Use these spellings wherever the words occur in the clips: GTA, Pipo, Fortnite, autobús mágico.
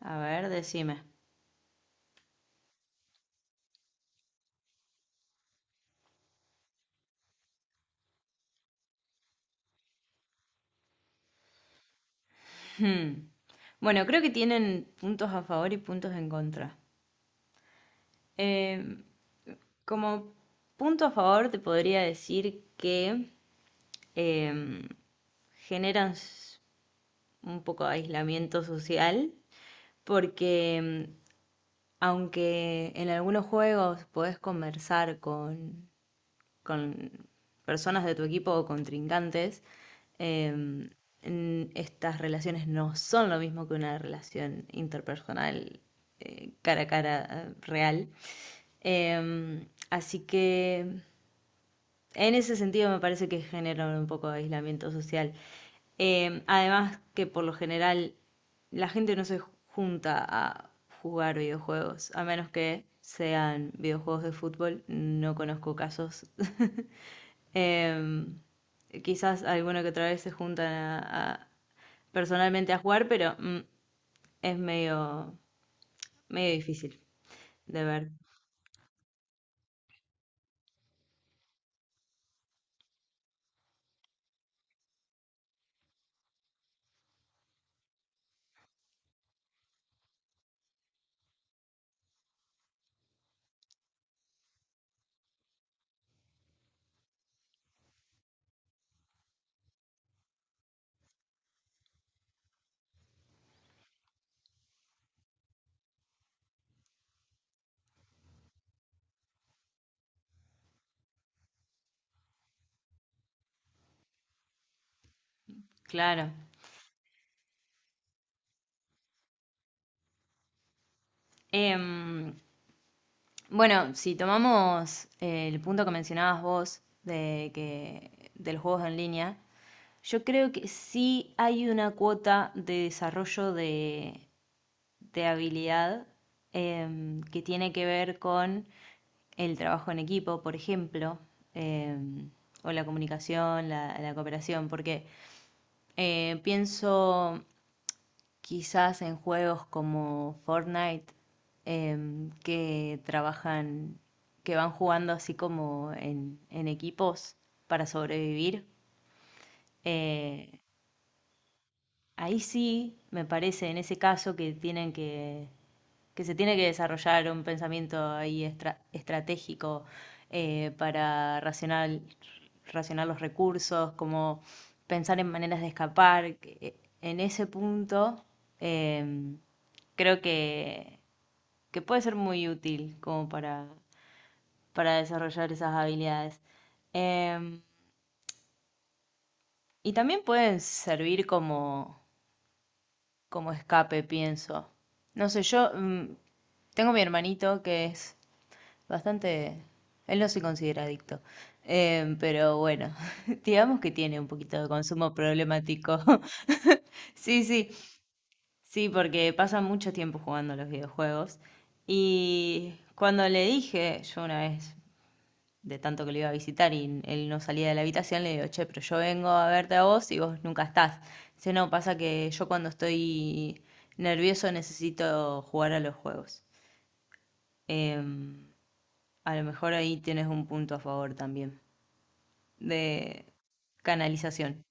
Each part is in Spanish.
A ver, decime. Hmm. Bueno, creo que tienen puntos a favor y puntos en contra. Em, Como punto a favor, te podría decir que em, generan s- un poco de aislamiento social, porque aunque en algunos juegos podés conversar con personas de tu equipo o contrincantes, eh, estas relaciones no son lo mismo que una relación interpersonal cara a cara real. Así que en ese sentido me parece que genera un poco de aislamiento social. Además que por lo general la gente no se junta a jugar videojuegos, a menos que sean videojuegos de fútbol. No conozco casos. Eh, quizás alguna que otra vez se juntan personalmente a jugar, pero es medio, medio difícil de ver. Claro. Em, bueno, si tomamos el punto que mencionabas vos de que del juegos en línea, yo creo que sí hay una cuota de desarrollo de habilidad que tiene que ver con el trabajo en equipo, por ejemplo, eh, o la comunicación, la cooperación, porque pienso quizás en juegos como Fortnite, eh, que trabajan, que van jugando así como en equipos para sobrevivir. Eh, Ahí sí, me parece, en ese caso que se tiene que desarrollar un pensamiento ahí estratégico para racional, racionar los recursos, como pensar en maneras de escapar. En ese punto, eh, creo que puede ser muy útil como para desarrollar esas habilidades. Eh, y también pueden servir como como escape, pienso. No sé, yo tengo mi hermanito que es bastante... Él no se considera adicto. Pero bueno, digamos que tiene un poquito de consumo problemático. Sí, sí, sí, porque pasa mucho tiempo jugando a los videojuegos. Y cuando le dije, yo una vez de tanto que lo iba a visitar y él no salía de la habitación, le digo, che, pero yo vengo a verte a vos y vos nunca estás. Dice, no, pasa que yo cuando estoy nervioso necesito jugar a los juegos. Eh, a lo mejor ahí tienes un punto a favor también de canalización.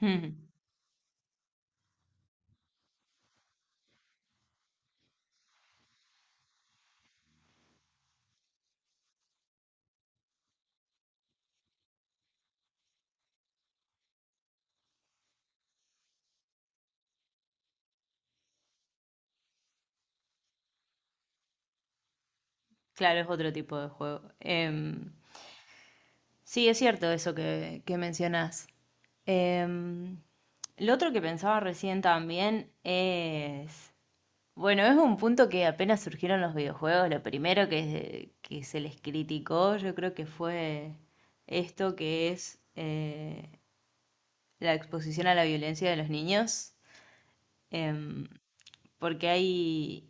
Claro, es otro tipo de juego. Sí, es cierto eso que mencionás. Em, lo otro que pensaba recién también es bueno, es un punto que apenas surgieron los videojuegos, lo primero que se les criticó, yo creo que fue esto que es la exposición a la violencia de los niños, em, porque hay,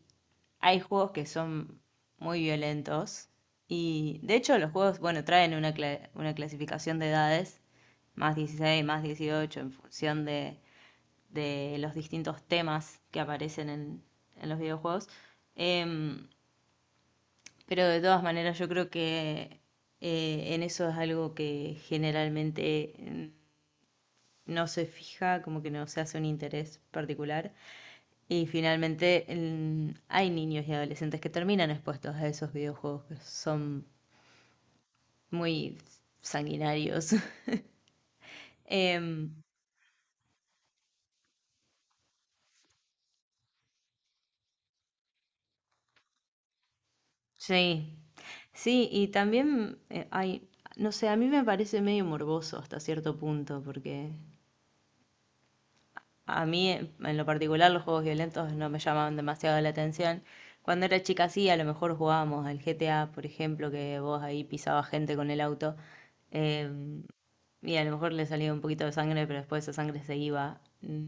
hay juegos que son muy violentos y de hecho los juegos, bueno, traen una, una clasificación de edades, más 16, más 18, en función de los distintos temas que aparecen en los videojuegos. Em, pero de todas maneras yo creo que en eso es algo que generalmente no se fija, como que no se hace un interés particular. Y finalmente hay niños y adolescentes que terminan expuestos a esos videojuegos que son muy sanguinarios. Em, Sí, sí, y también hay, no sé, a mí me parece medio morboso hasta cierto punto, porque a mí en lo particular los juegos violentos no me llamaban demasiado la atención. Cuando era chica sí, a lo mejor jugábamos al GTA, por ejemplo, que vos ahí pisabas gente con el auto, eh, y a lo mejor le salía un poquito de sangre, pero después esa sangre se iba.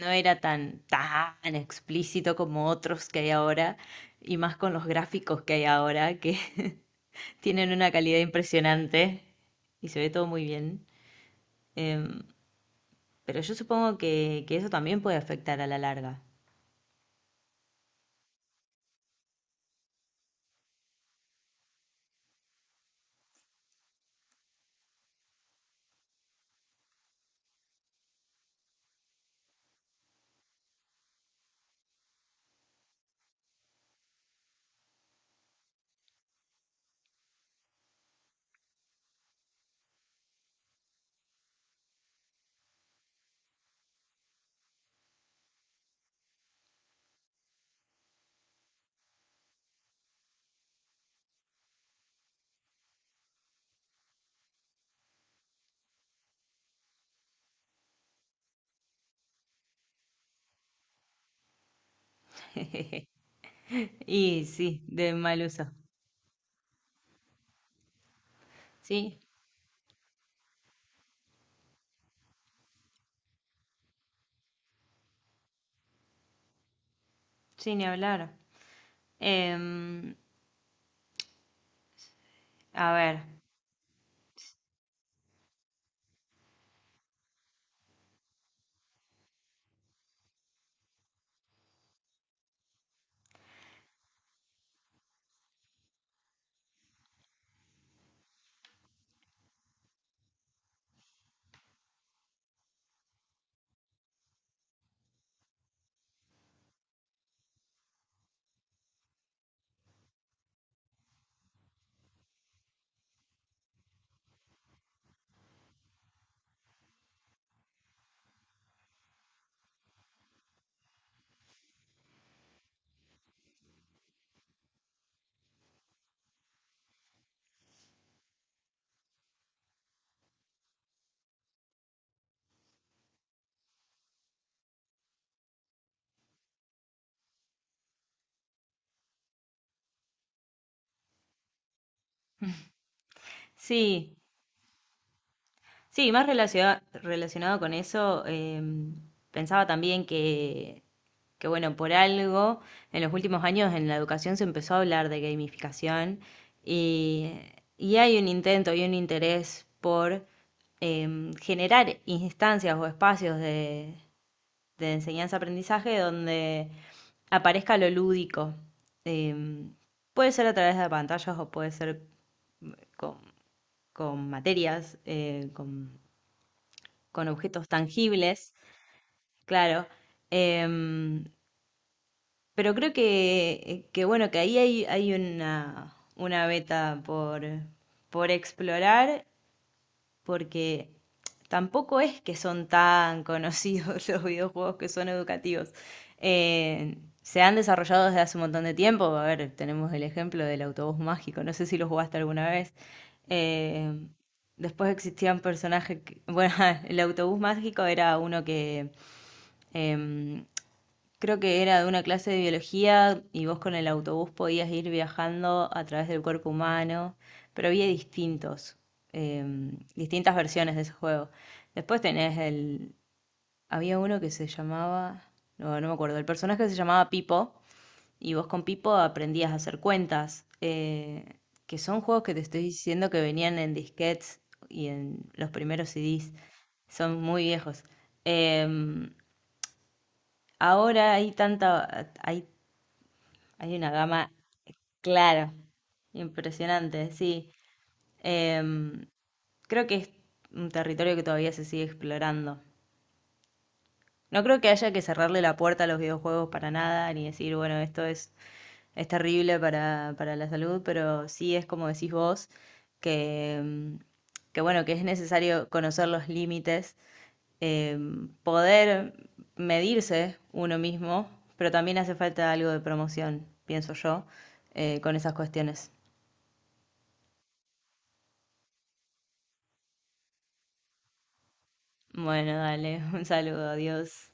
No era tan, tan explícito como otros que hay ahora, y más con los gráficos que hay ahora, que... Tienen una calidad impresionante y se ve todo muy bien. Em, pero yo supongo que eso también puede afectar a la larga. Y sí, de mal uso. Sí, sí, ni hablar. Em, a ver, sí, sí, más relacionado, relacionado con eso, pensaba también que bueno, por algo en los últimos años en la educación se empezó a hablar de gamificación y, y hay un intento y un interés por generar instancias o espacios de enseñanza-aprendizaje donde aparezca lo lúdico. Em, puede ser a través de pantallas o puede ser con, con materias, con objetos tangibles, claro. Em, pero creo que bueno, que ahí hay, hay una beta por explorar, porque tampoco es que son tan conocidos los videojuegos que son educativos. Eh, se han desarrollado desde hace un montón de tiempo. A ver, tenemos el ejemplo del autobús mágico. No sé si lo jugaste alguna vez. Eh, después existían personajes bueno, el autobús mágico era uno que em, creo que era de una clase de biología y vos con el autobús podías ir viajando a través del cuerpo humano, pero había distintos, eh, distintas versiones de ese juego. Después tenés el... Había uno que se llamaba... No, no me acuerdo. El personaje se llamaba Pipo y vos con Pipo aprendías a hacer cuentas, que son juegos que te estoy diciendo que venían en disquetes y en los primeros CDs. Son muy viejos. Em, ahora hay tanta, hay una gama, eh, claro, impresionante, sí. Em, creo que es un territorio que todavía se sigue explorando. No creo que haya que cerrarle la puerta a los videojuegos para nada, ni decir, bueno, esto es terrible para la salud, pero sí es como decís vos, que, em, que bueno, que es necesario conocer los límites, poder medirse uno mismo, pero también hace falta algo de promoción, pienso yo, con esas cuestiones. Bueno, dale, un saludo, adiós.